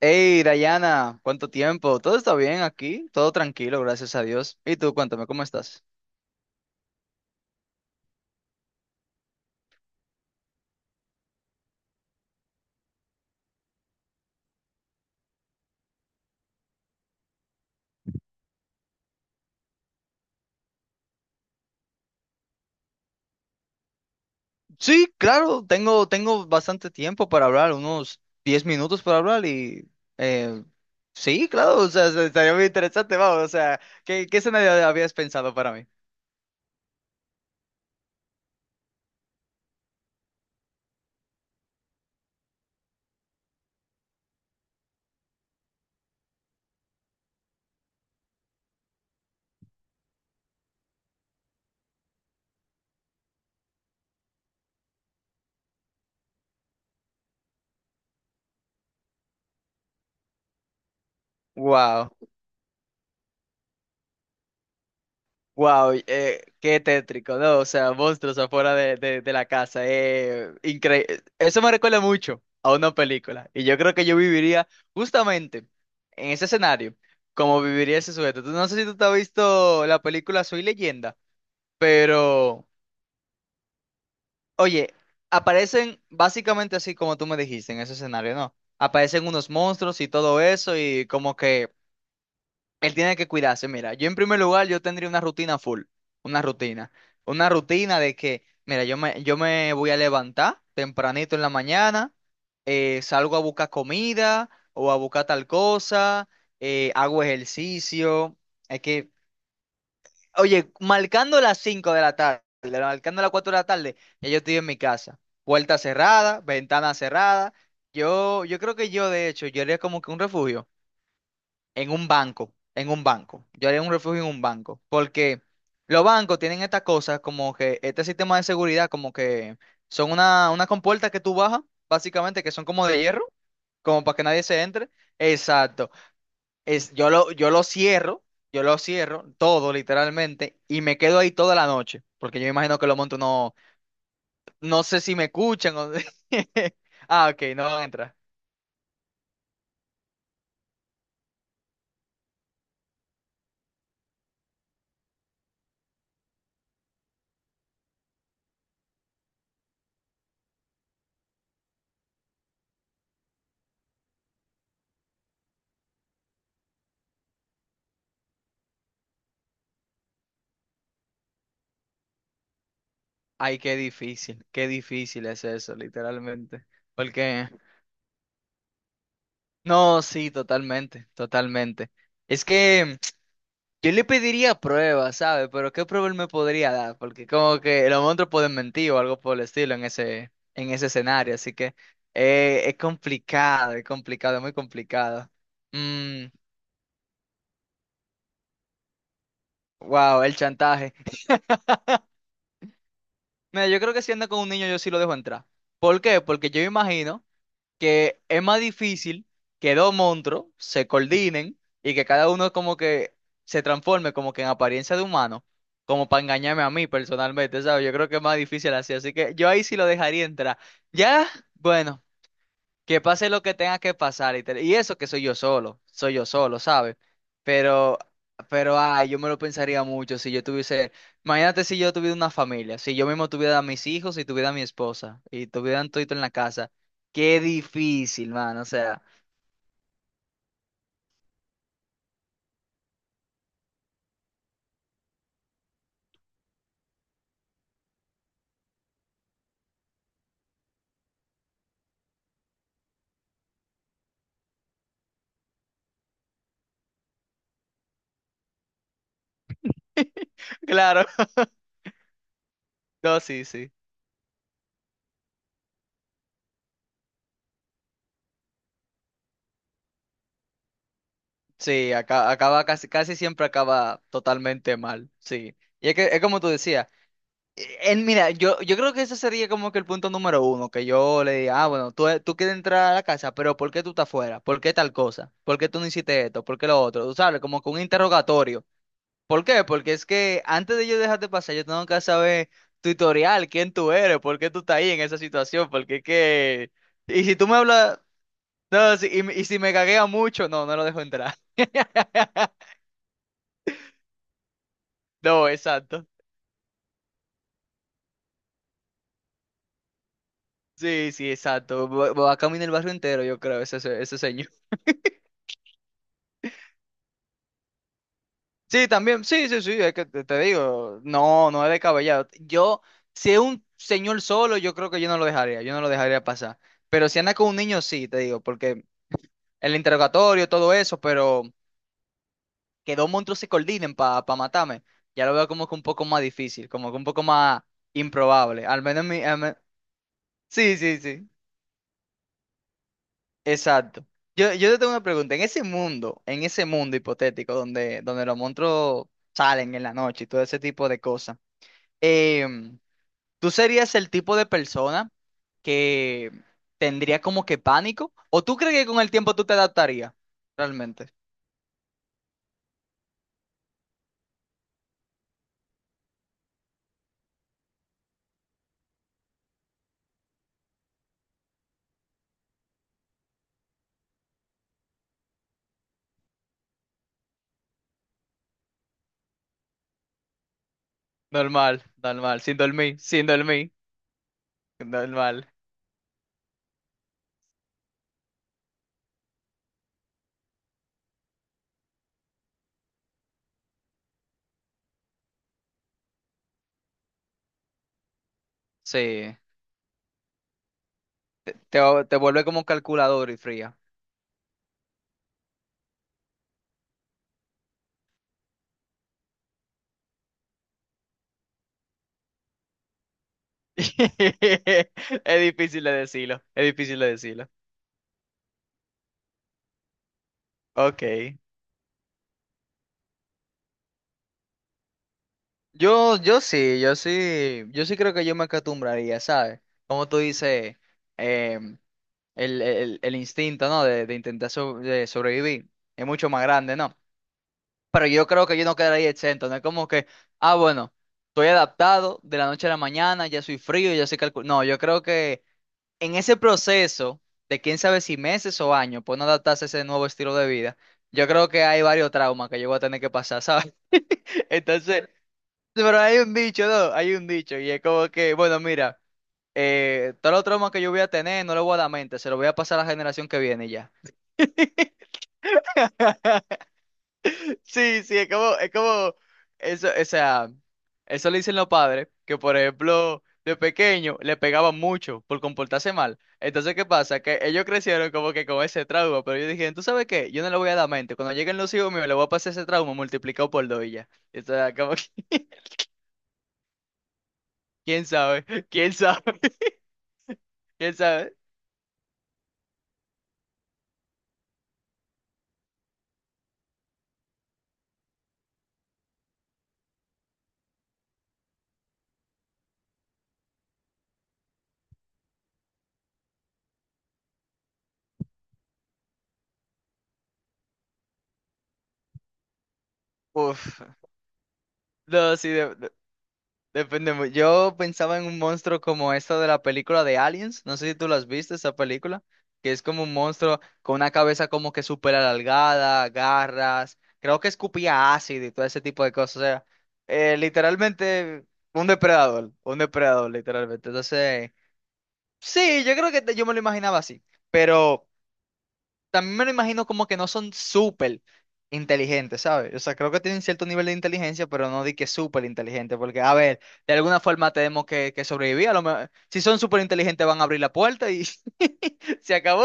Hey, Dayana, ¿cuánto tiempo? ¿Todo está bien aquí? Todo tranquilo, gracias a Dios. ¿Y tú, cuéntame, cómo estás? Sí, claro, tengo bastante tiempo para hablar, unos 10 minutos para hablar y... eh, sí, claro, o sea, estaría muy interesante, vamos, o sea, ¿qué escenario habías pensado para mí? Wow. Wow, qué tétrico, ¿no? O sea, monstruos afuera de la casa. Eso me recuerda mucho a una película. Y yo creo que yo viviría justamente en ese escenario, como viviría ese sujeto. No sé si tú te has visto la película Soy Leyenda, pero, oye, aparecen básicamente así como tú me dijiste en ese escenario, ¿no? Aparecen unos monstruos y todo eso, y como que. Él tiene que cuidarse. Mira, yo en primer lugar, yo tendría una rutina full, una rutina, una rutina de que, mira, yo me voy a levantar tempranito en la mañana, salgo a buscar comida o a buscar tal cosa, hago ejercicio. Es que, oye, marcando las 5 de la tarde, marcando las 4 de la tarde, ya yo estoy en mi casa. Puerta cerrada, ventana cerrada. Yo creo que yo, de hecho, yo haría como que un refugio en un banco, en un banco. Yo haría un refugio en un banco, porque los bancos tienen estas cosas como que este sistema de seguridad, como que son una compuerta que tú bajas, básicamente, que son como de hierro, como para que nadie se entre. Exacto. Es, yo lo, yo lo cierro, yo lo cierro todo literalmente y me quedo ahí toda la noche, porque yo me imagino que los montos no, no sé si me escuchan o... Ah, ok, no entra. Ay, qué difícil es eso, literalmente. Porque No, sí, totalmente, totalmente. Es que yo le pediría pruebas, ¿sabes? Pero ¿qué prueba él me podría dar? Porque como que los monstruos pueden mentir o algo por el estilo en ese escenario, así que es complicado, es complicado, es muy complicado. Mm, wow, el chantaje. Mira, yo creo que si anda con un niño yo sí lo dejo entrar. ¿Por qué? Porque yo me imagino que es más difícil que dos monstruos se coordinen y que cada uno como que se transforme como que en apariencia de humano, como para engañarme a mí personalmente, ¿sabes? Yo creo que es más difícil así, así que yo ahí sí lo dejaría entrar. Ya, bueno. Que pase lo que tenga que pasar. Y eso que soy yo solo, ¿sabes? Pero, pero, ay, yo me lo pensaría mucho si yo tuviese, imagínate si yo tuviera una familia, si yo mismo tuviera a mis hijos y tuviera a mi esposa y tuvieran todo en la casa. Qué difícil, man, o sea, claro, no, sí, sí. Sí, acaba casi, casi siempre acaba totalmente mal, sí. Y es que es como tú decías. Mira, yo creo que ese sería como que el punto número uno, que yo le diga, ah, bueno, tú quieres entrar a la casa, pero ¿por qué tú estás fuera? ¿Por qué tal cosa? ¿Por qué tú no hiciste esto? ¿Por qué lo otro? Tú sabes, como que un interrogatorio. ¿Por qué? Porque es que antes de yo dejarte pasar, yo tengo que saber tutorial, quién tú eres, por qué tú estás ahí en esa situación, porque es que... Y si tú me hablas, no, y si me caguea mucho, no, no lo dejo entrar. No, exacto. Sí, sí, exacto. Va a caminar el barrio entero, yo creo, ese señor. Sí, también, sí, sí, sí, es que te digo, no, no es descabellado. Yo, si es un señor solo, yo creo que yo no lo dejaría pasar. Pero si anda con un niño, sí, te digo, porque el interrogatorio, todo eso, pero que dos monstruos se coordinen para matarme, ya lo veo como que un poco más difícil, como que un poco más improbable. Al menos en mi, sí, sí, sí, exacto. Yo te tengo una pregunta, en ese mundo hipotético donde los monstruos salen en la noche y todo ese tipo de cosas. em, ¿Tú serías el tipo de persona que tendría como que pánico? ¿O tú crees que con el tiempo tú te adaptarías? Realmente. Normal, normal, sin dormir, sin dormir, normal. Sí, te, te, te vuelve como calculador y fría. Es difícil de decirlo, es difícil de decirlo. Ok. Yo sí creo que yo me acostumbraría, ¿sabes? Como tú dices, em, el instinto, ¿no? De intentar de sobrevivir. Es mucho más grande, ¿no? Pero yo creo que yo no quedaría exento, no es como que, ah, bueno, estoy adaptado de la noche a la mañana, ya soy frío, ya soy calculado. No, yo creo que en ese proceso de quién sabe si meses o años, pues no adaptarse a ese nuevo estilo de vida, yo creo que hay varios traumas que yo voy a tener que pasar, ¿sabes? Entonces, pero hay un dicho, ¿no? Hay un dicho, y es como que, bueno, mira, todos los traumas que yo voy a tener, no los voy a dar mente, se los voy a pasar a la generación que viene y ya. Sí, sí, es como, eso, o sea, eso le dicen los padres, que por ejemplo, de pequeño le pegaban mucho por comportarse mal. Entonces, ¿qué pasa? Que ellos crecieron como que con ese trauma, pero yo dije, ¿tú sabes qué? Yo no le voy a dar mente. Cuando lleguen los hijos míos, le voy a pasar ese trauma multiplicado por dos y ya. Entonces, como que, ¿quién sabe? ¿Quién sabe? ¿Quién sabe? Uf, no, sí, depende. Yo pensaba en un monstruo como esta de la película de Aliens. No sé si tú las viste, esa película. Que es como un monstruo con una cabeza como que súper alargada, garras. Creo que escupía ácido y todo ese tipo de cosas. O sea, literalmente un depredador. Un depredador, literalmente. Entonces, sí, yo creo que yo me lo imaginaba así. Pero también me lo imagino como que no son súper inteligentes, ¿sabes? O sea, creo que tienen cierto nivel de inteligencia, pero no di que súper inteligentes, porque, a ver, de alguna forma tenemos que sobrevivir. A lo mejor, si son súper inteligentes, van a abrir la puerta y se acabó.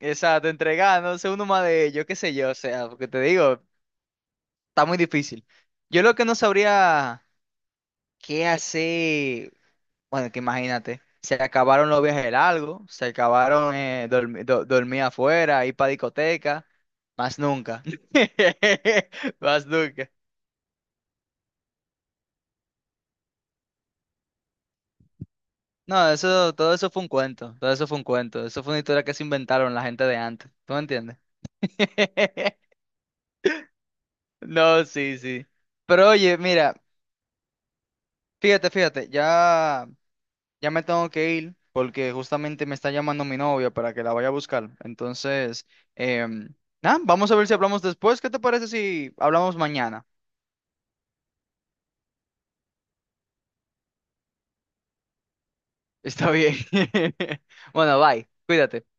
Exacto, entregar, no uno más de ellos, qué sé yo, o sea, porque te digo, está muy difícil. Yo lo que no sabría qué hacer. Bueno, que imagínate, se acabaron los viajes largos, se acabaron dormir afuera, ir para discoteca, más nunca. Más nunca. No, eso, todo eso fue un cuento, todo eso fue un cuento, eso fue una historia que se inventaron la gente de antes, ¿tú me entiendes? No, sí, sí. Pero oye, mira, fíjate, fíjate, Ya me tengo que ir porque justamente me está llamando mi novia para que la vaya a buscar. Entonces, em, nada, vamos a ver si hablamos después. ¿Qué te parece si hablamos mañana? Está bien. Bueno, bye. Cuídate.